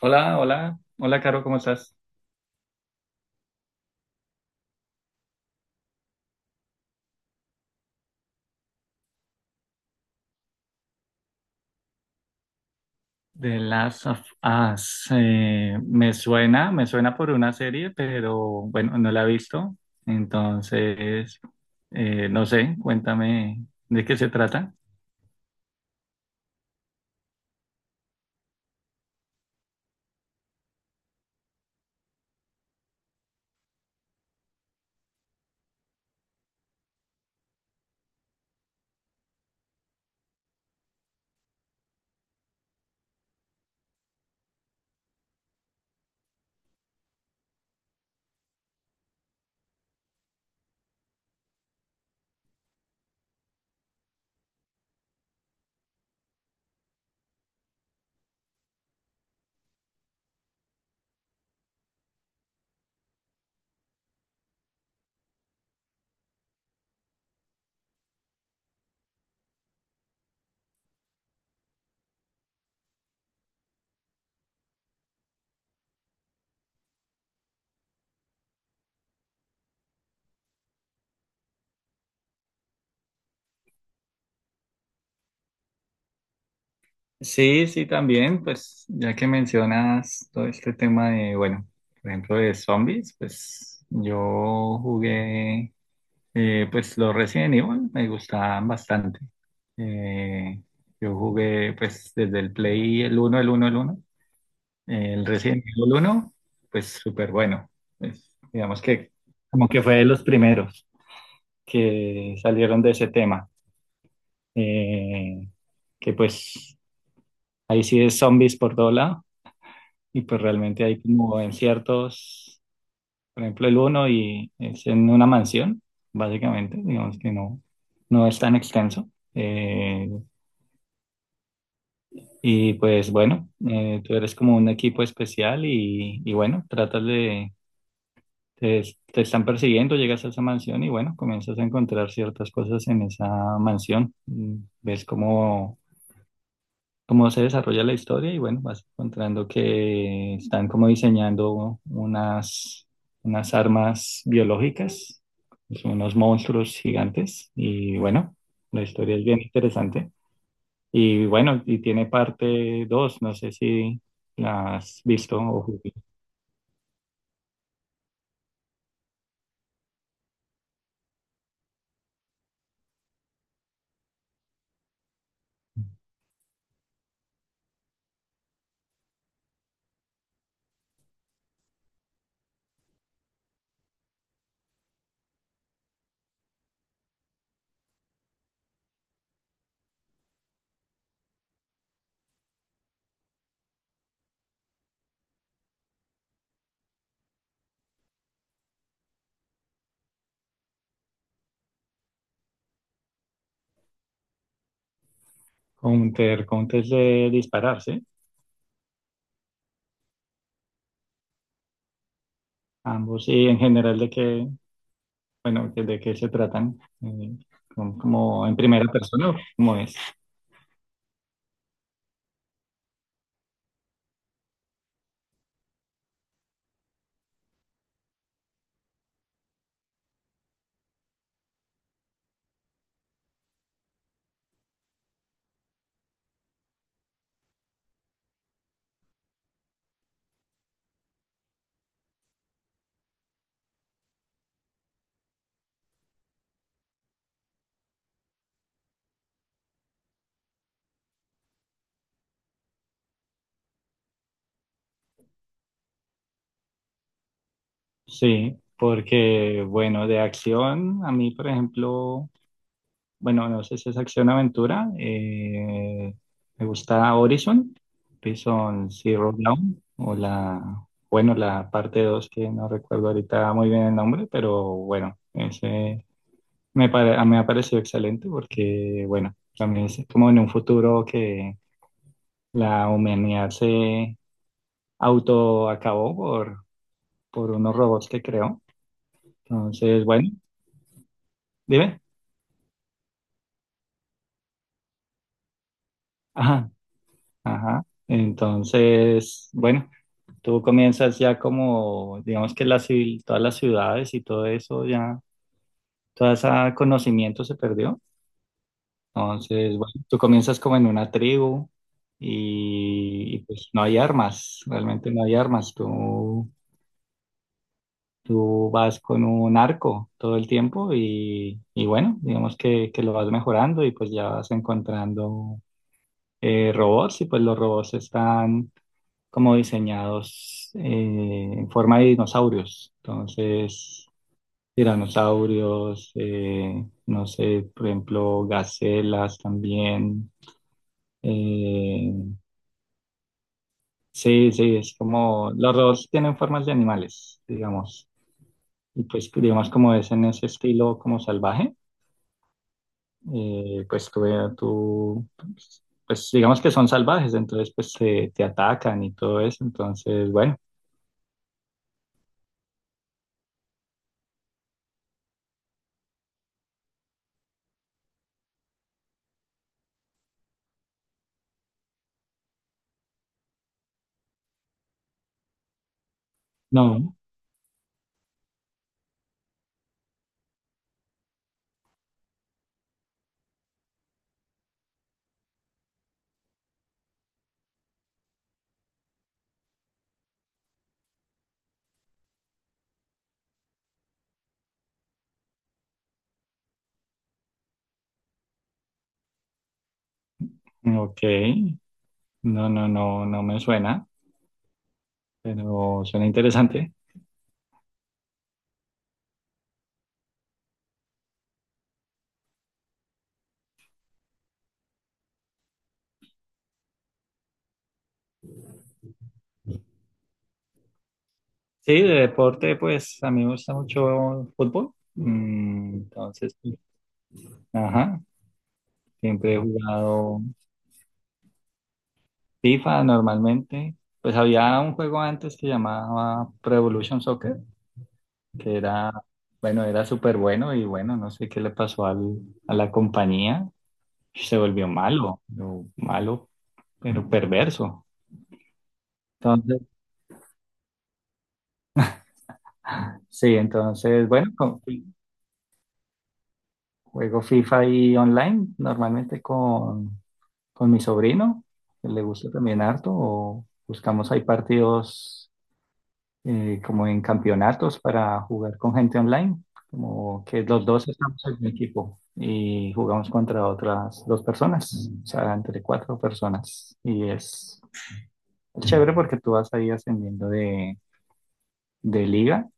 Hola, hola, hola, Caro, ¿cómo estás? The Last of Us. Me suena, me suena por una serie, pero bueno, no la he visto. Entonces, no sé, cuéntame de qué se trata. Sí, sí, también, pues ya que mencionas todo este tema de, bueno, por ejemplo, de zombies, pues yo jugué. Pues los Resident Evil me gustaban bastante. Eh, yo jugué pues desde el Play el uno. El Resident Evil uno, pues súper bueno. Pues, digamos que como que fue de los primeros que salieron de ese tema. Eh, que pues ahí sí es zombies por todo lado y pues realmente hay como en ciertos. Por ejemplo, el uno y es en una mansión, básicamente, digamos que no, no es tan extenso. Y pues bueno, tú eres como un equipo especial y bueno, te, te están persiguiendo, llegas a esa mansión y bueno, comienzas a encontrar ciertas cosas en esa mansión. Ves como cómo se desarrolla la historia y bueno, vas encontrando que están como diseñando unas armas biológicas, son unos monstruos gigantes y bueno, la historia es bien interesante. Y bueno, y tiene parte dos. No sé si la has visto o jugado. Counter es de dispararse, ambos, y en general de qué, bueno, de qué se tratan, eh, como en primera persona, como es. Sí, porque bueno, de acción, a mí, por ejemplo, bueno, no sé si es acción aventura, me gusta Horizon, Horizon Zero Dawn, o la, bueno, la parte 2 que no recuerdo ahorita muy bien el nombre, pero bueno, ese me ha parecido excelente porque, bueno, también es como en un futuro que la humanidad se autoacabó por unos robots que creó. Entonces, bueno, dime. Ajá, ajá. Entonces, bueno, tú comienzas ya como, digamos que la civil, todas las ciudades y todo eso, ya, todo ese conocimiento se perdió. Entonces, bueno, tú comienzas como en una tribu y, pues no hay armas, realmente no hay armas. Tú vas con un arco todo el tiempo y bueno, digamos que lo vas mejorando y pues ya vas encontrando robots y pues los robots están como diseñados en forma de dinosaurios. Entonces, tiranosaurios, no sé, por ejemplo, gacelas también. Eh, sí, sí, es como los robots tienen formas de animales, digamos. Y pues, digamos, como es en ese estilo como salvaje, pues tú pues, digamos que son salvajes, entonces pues te atacan y todo eso. Entonces, bueno. No, ok. No, no, no, no me suena, pero suena interesante. Sí, de deporte, pues a mí me gusta mucho el fútbol. Mm. Entonces, sí. Ajá, siempre he jugado FIFA normalmente. Pues había un juego antes que llamaba Pro Evolution Soccer, que era, bueno, era súper bueno y bueno, no sé qué le pasó a la compañía. Se volvió malo, pero perverso. Entonces, sí, entonces, bueno, juego FIFA y online, normalmente con mi sobrino, que le gusta también harto, o buscamos ahí partidos como en campeonatos para jugar con gente online, como que los dos estamos en un equipo y jugamos contra otras dos personas, o sea, entre cuatro personas. Y es chévere porque tú vas ahí ascendiendo de, liga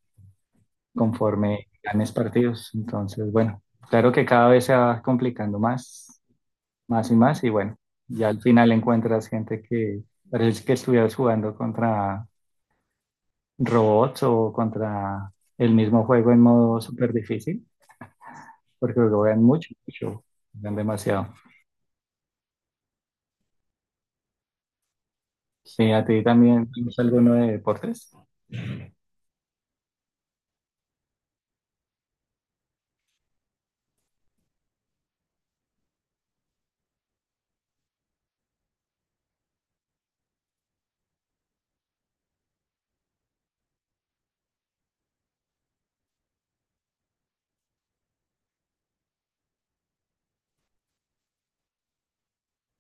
conforme ganes partidos. Entonces, bueno, claro que cada vez se va complicando más y más, y bueno, ya al final encuentras gente que parece que estuvieras jugando contra robots o contra el mismo juego en modo súper difícil, porque lo juegan mucho, mucho, juegan demasiado. Sí, a ti también, ¿tienes alguno de deportes?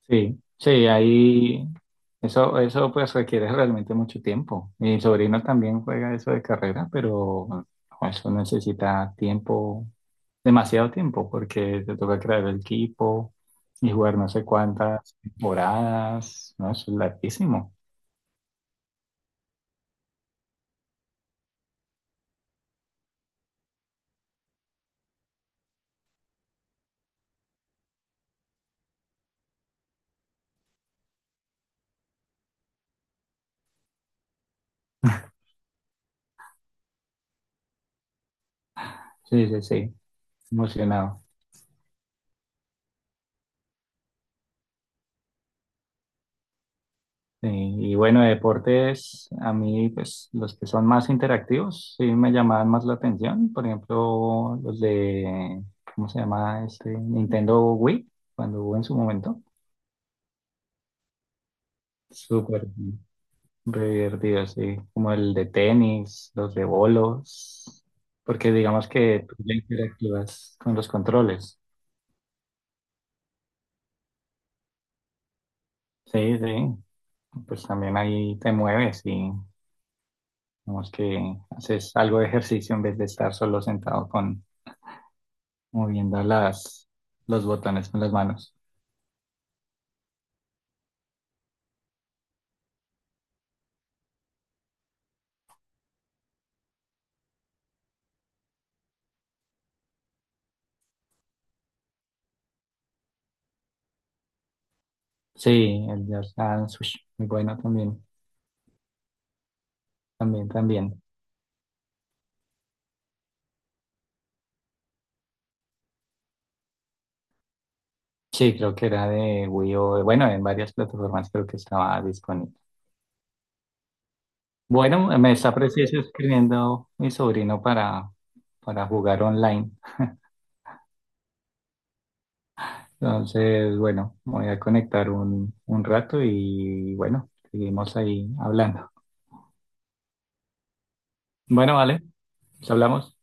Sí, sí, ahí eso pues requiere realmente mucho tiempo. Mi sobrino también juega eso de carrera, pero eso necesita tiempo, demasiado tiempo, porque te toca crear el equipo y jugar no sé cuántas temporadas, ¿no? Eso es larguísimo. Sí, sí, sí, emocionado. Sí, y bueno, de deportes, a mí, pues los que son más interactivos, sí me llamaban más la atención. Por ejemplo, los de, ¿cómo se llama? Este Nintendo Wii, cuando hubo en su momento. Súper divertido, sí. Como el de tenis, los de bolos, porque digamos que tú ya interactúas con los controles. Sí, sí. Pues también ahí te mueves y digamos que haces algo de ejercicio en vez de estar solo sentado con moviendo los botones con las manos. Sí, el Just Dance, ush, muy bueno también, también, también. Sí, creo que era de Wii U, bueno, en varias plataformas creo que estaba disponible. Bueno, me está preciso escribiendo mi sobrino para jugar online. Entonces, bueno, me voy a conectar un rato y bueno, seguimos ahí hablando. Bueno, vale, nos hablamos.